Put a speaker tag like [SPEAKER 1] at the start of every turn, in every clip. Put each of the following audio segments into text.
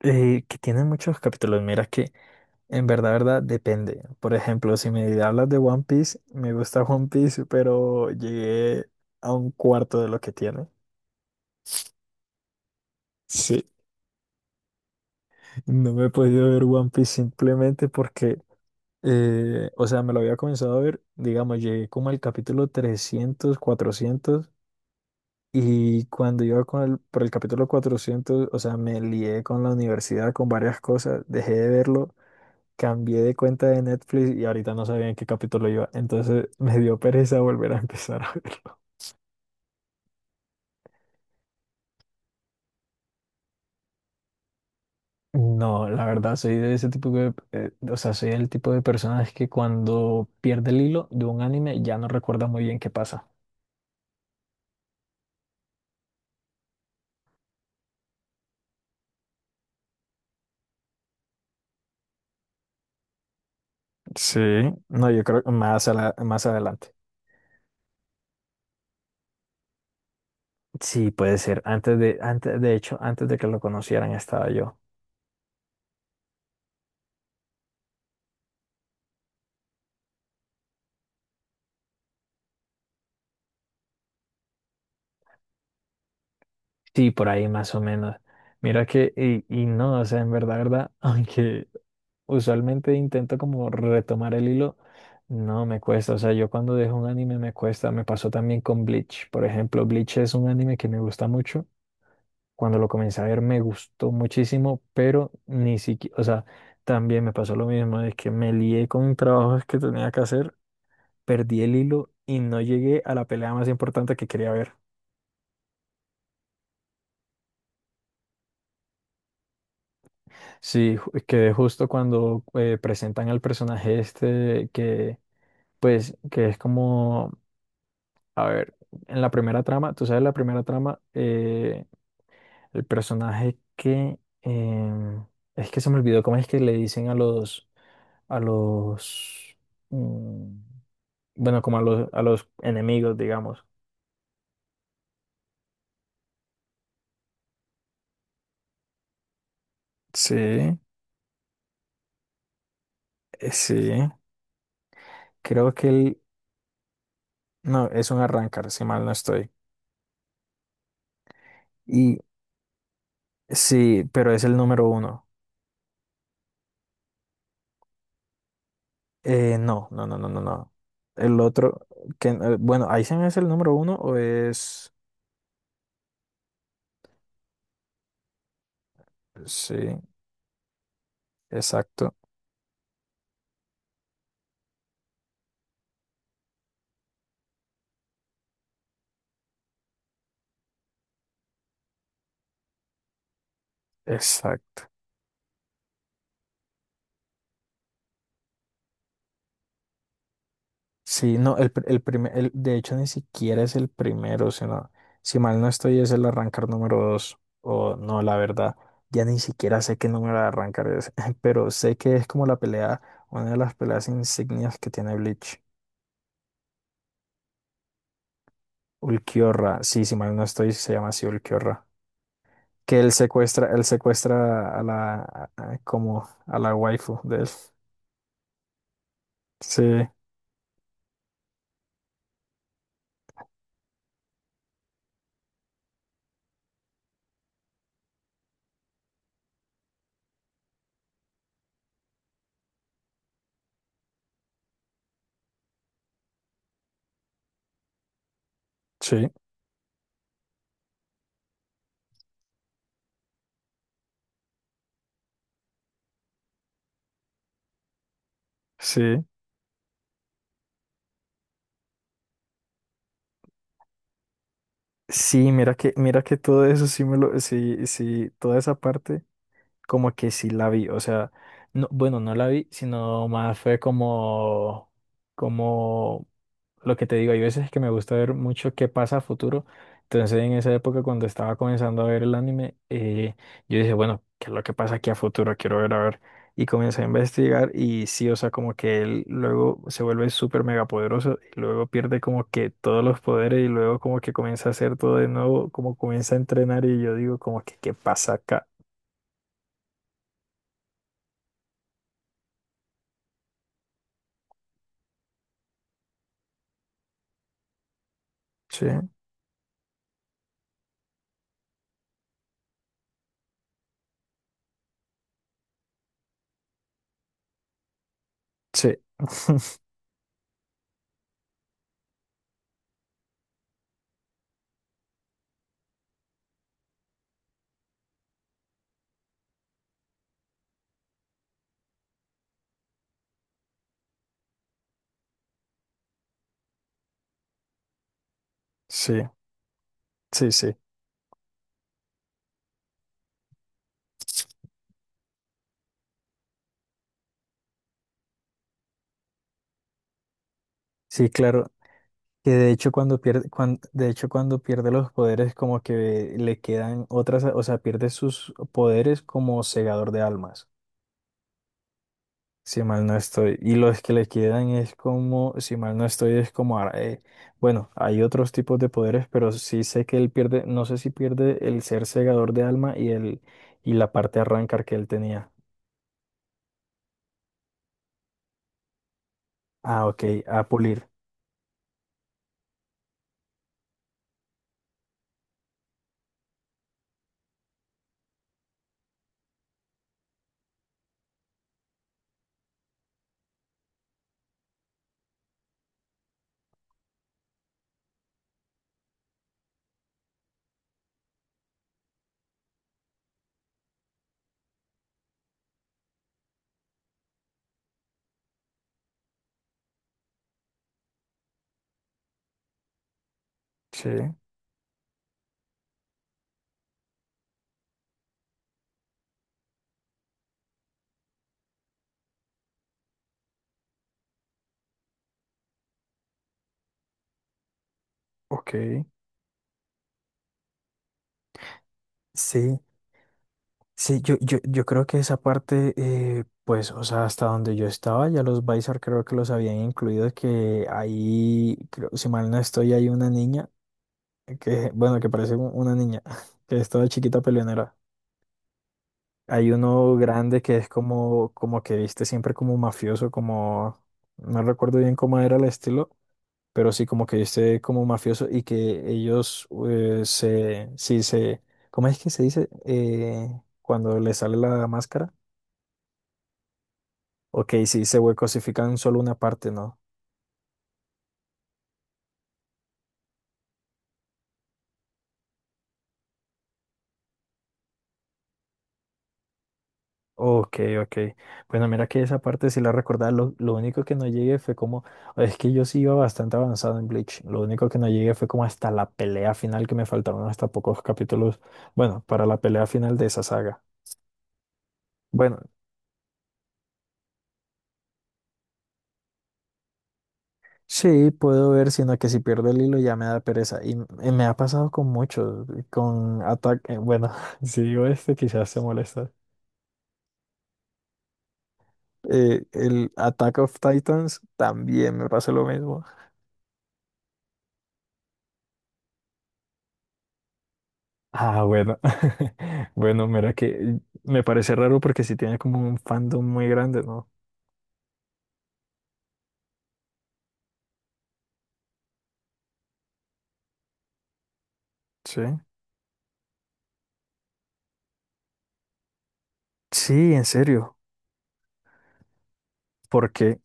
[SPEAKER 1] Que tiene muchos capítulos, mira que en verdad, verdad, depende. Por ejemplo, si me hablas de One Piece, me gusta One Piece, pero llegué a un cuarto de lo que tiene. Sí, no me he podido ver One Piece simplemente porque, o sea, me lo había comenzado a ver, digamos, llegué como al capítulo 300 400, y cuando iba con por el capítulo 400, o sea, me lié con la universidad, con varias cosas, dejé de verlo, cambié de cuenta de Netflix y ahorita no sabía en qué capítulo iba, entonces me dio pereza volver a empezar a verlo. No, la verdad, soy de ese tipo de, o sea, soy el tipo de personas que cuando pierde el hilo de un anime ya no recuerda muy bien qué pasa. Sí, no, yo creo que más, más adelante. Sí, puede ser. De hecho, antes de que lo conocieran estaba yo. Sí, por ahí más o menos. Mira que, y no, o sea, en verdad, verdad, aunque usualmente intento como retomar el hilo. No me cuesta, o sea, yo cuando dejo un anime me cuesta, me pasó también con Bleach. Por ejemplo, Bleach es un anime que me gusta mucho. Cuando lo comencé a ver me gustó muchísimo, pero ni siquiera, o sea, también me pasó lo mismo, es que me lié con trabajos que tenía que hacer, perdí el hilo y no llegué a la pelea más importante que quería ver. Sí, quedé justo cuando presentan al personaje este que, pues, que es como, a ver, en la primera trama, tú sabes, la primera trama, el personaje que em, es que se me olvidó cómo es que le dicen a los, mm, bueno, como a los enemigos, digamos. Sí, sí. Creo que él, no, es un arrancar, si mal no estoy. Y sí, pero es el número 1. No, no, no, no, no, no. El otro, que, bueno, ¿Aizen es el número 1 o es? Sí. Exacto. Exacto. Sí, no, el, pr- el primer, el- de hecho ni siquiera es el primero, sino, si mal no estoy, es el arrancar número 2, o no, la verdad, ya ni siquiera sé qué número de arrancar es, pero sé que es como la pelea, una de las peleas insignias que tiene Bleach. Ulquiorra, sí, si mal no estoy, se llama así Ulquiorra. Que él secuestra a la, como a la waifu de él. Sí, sí, sí. Sí, mira que todo eso sí me lo, sí, sí, toda esa parte como que sí la vi, o sea, no, bueno, no la vi, sino más fue como, como lo que te digo, hay veces que me gusta ver mucho qué pasa a futuro, entonces en esa época cuando estaba comenzando a ver el anime, yo dije, bueno, ¿qué es lo que pasa aquí a futuro? Quiero ver, a ver, y comencé a investigar y sí, o sea, como que él luego se vuelve súper mega poderoso y luego pierde como que todos los poderes y luego como que comienza a hacer todo de nuevo, como comienza a entrenar y yo digo como que, ¿qué pasa acá? Sí. Sí, sí, sí, sí, sí, claro. Que de hecho cuando pierde, de hecho cuando pierde los poderes como que le quedan otras, o sea, pierde sus poderes como segador de almas, si mal no estoy. Y los que le quedan es como, si mal no estoy, es como, bueno, hay otros tipos de poderes, pero sí sé que él pierde, no sé si pierde el ser segador de alma y el, y la parte arrancar que él tenía. Ah, ok, a pulir. Sí, ok. Sí, sí, yo creo que esa parte, pues, o sea, hasta donde yo estaba, ya los Bizar creo que los habían incluido, que ahí, creo, si mal no estoy, hay una niña, que, bueno, que parece una niña, que es toda chiquita peleonera. Hay uno grande que es como, como que viste siempre como mafioso, como, no recuerdo bien cómo era el estilo, pero sí como que viste como mafioso y que ellos ¿cómo es que se dice? Cuando le sale la máscara. Ok, sí, se cosifican solo una parte, ¿no? Ok, ok. Bueno, mira que esa parte sí la recordaba. Lo único que no llegué fue como. Es que yo sí iba bastante avanzado en Bleach. Lo único que no llegué fue como hasta la pelea final, que me faltaron hasta pocos capítulos. Bueno, para la pelea final de esa saga. Bueno, sí, puedo ver, sino que si pierdo el hilo ya me da pereza. Y me ha pasado con muchos. Con Attack. Bueno, si digo este, quizás se molesta. El Attack of Titans también me pasó lo mismo. Ah, bueno. Bueno, mira que me parece raro porque sí tiene como un fandom muy grande, ¿no? Sí. Sí, en serio. ¿Por qué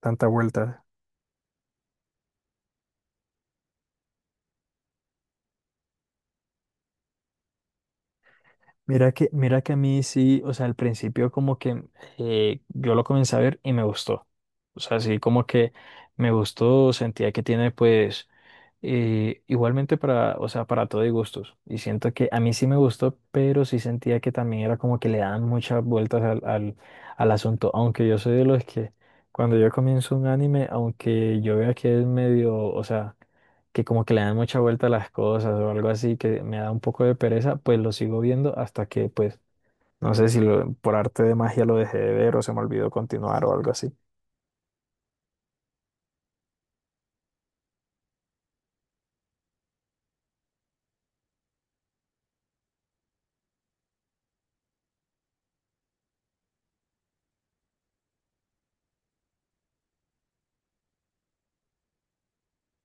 [SPEAKER 1] tanta vuelta? Mira que a mí sí, o sea, al principio como que yo lo comencé a ver y me gustó. O sea, sí, como que me gustó, sentía que tiene pues... Igualmente, para, o sea, para todo y gustos. Y siento que a mí sí me gustó, pero sí sentía que también era como que le daban muchas vueltas al, al asunto. Aunque yo soy de los que cuando yo comienzo un anime, aunque yo vea que es medio, o sea, que como que le dan mucha vuelta a las cosas o algo así, que me da un poco de pereza, pues lo sigo viendo hasta que, pues, no sé si por arte de magia lo dejé de ver o se me olvidó continuar o algo así.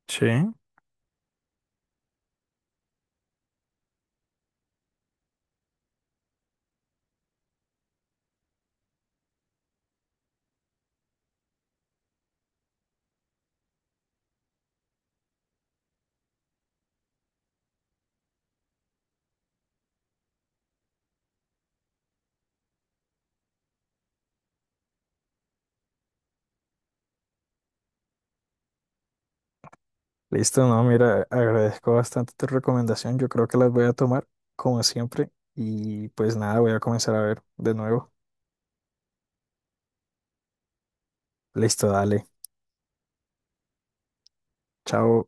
[SPEAKER 1] Sí. Listo, no, mira, agradezco bastante tu recomendación. Yo creo que las voy a tomar como siempre y pues nada, voy a comenzar a ver de nuevo. Listo, dale. Chao.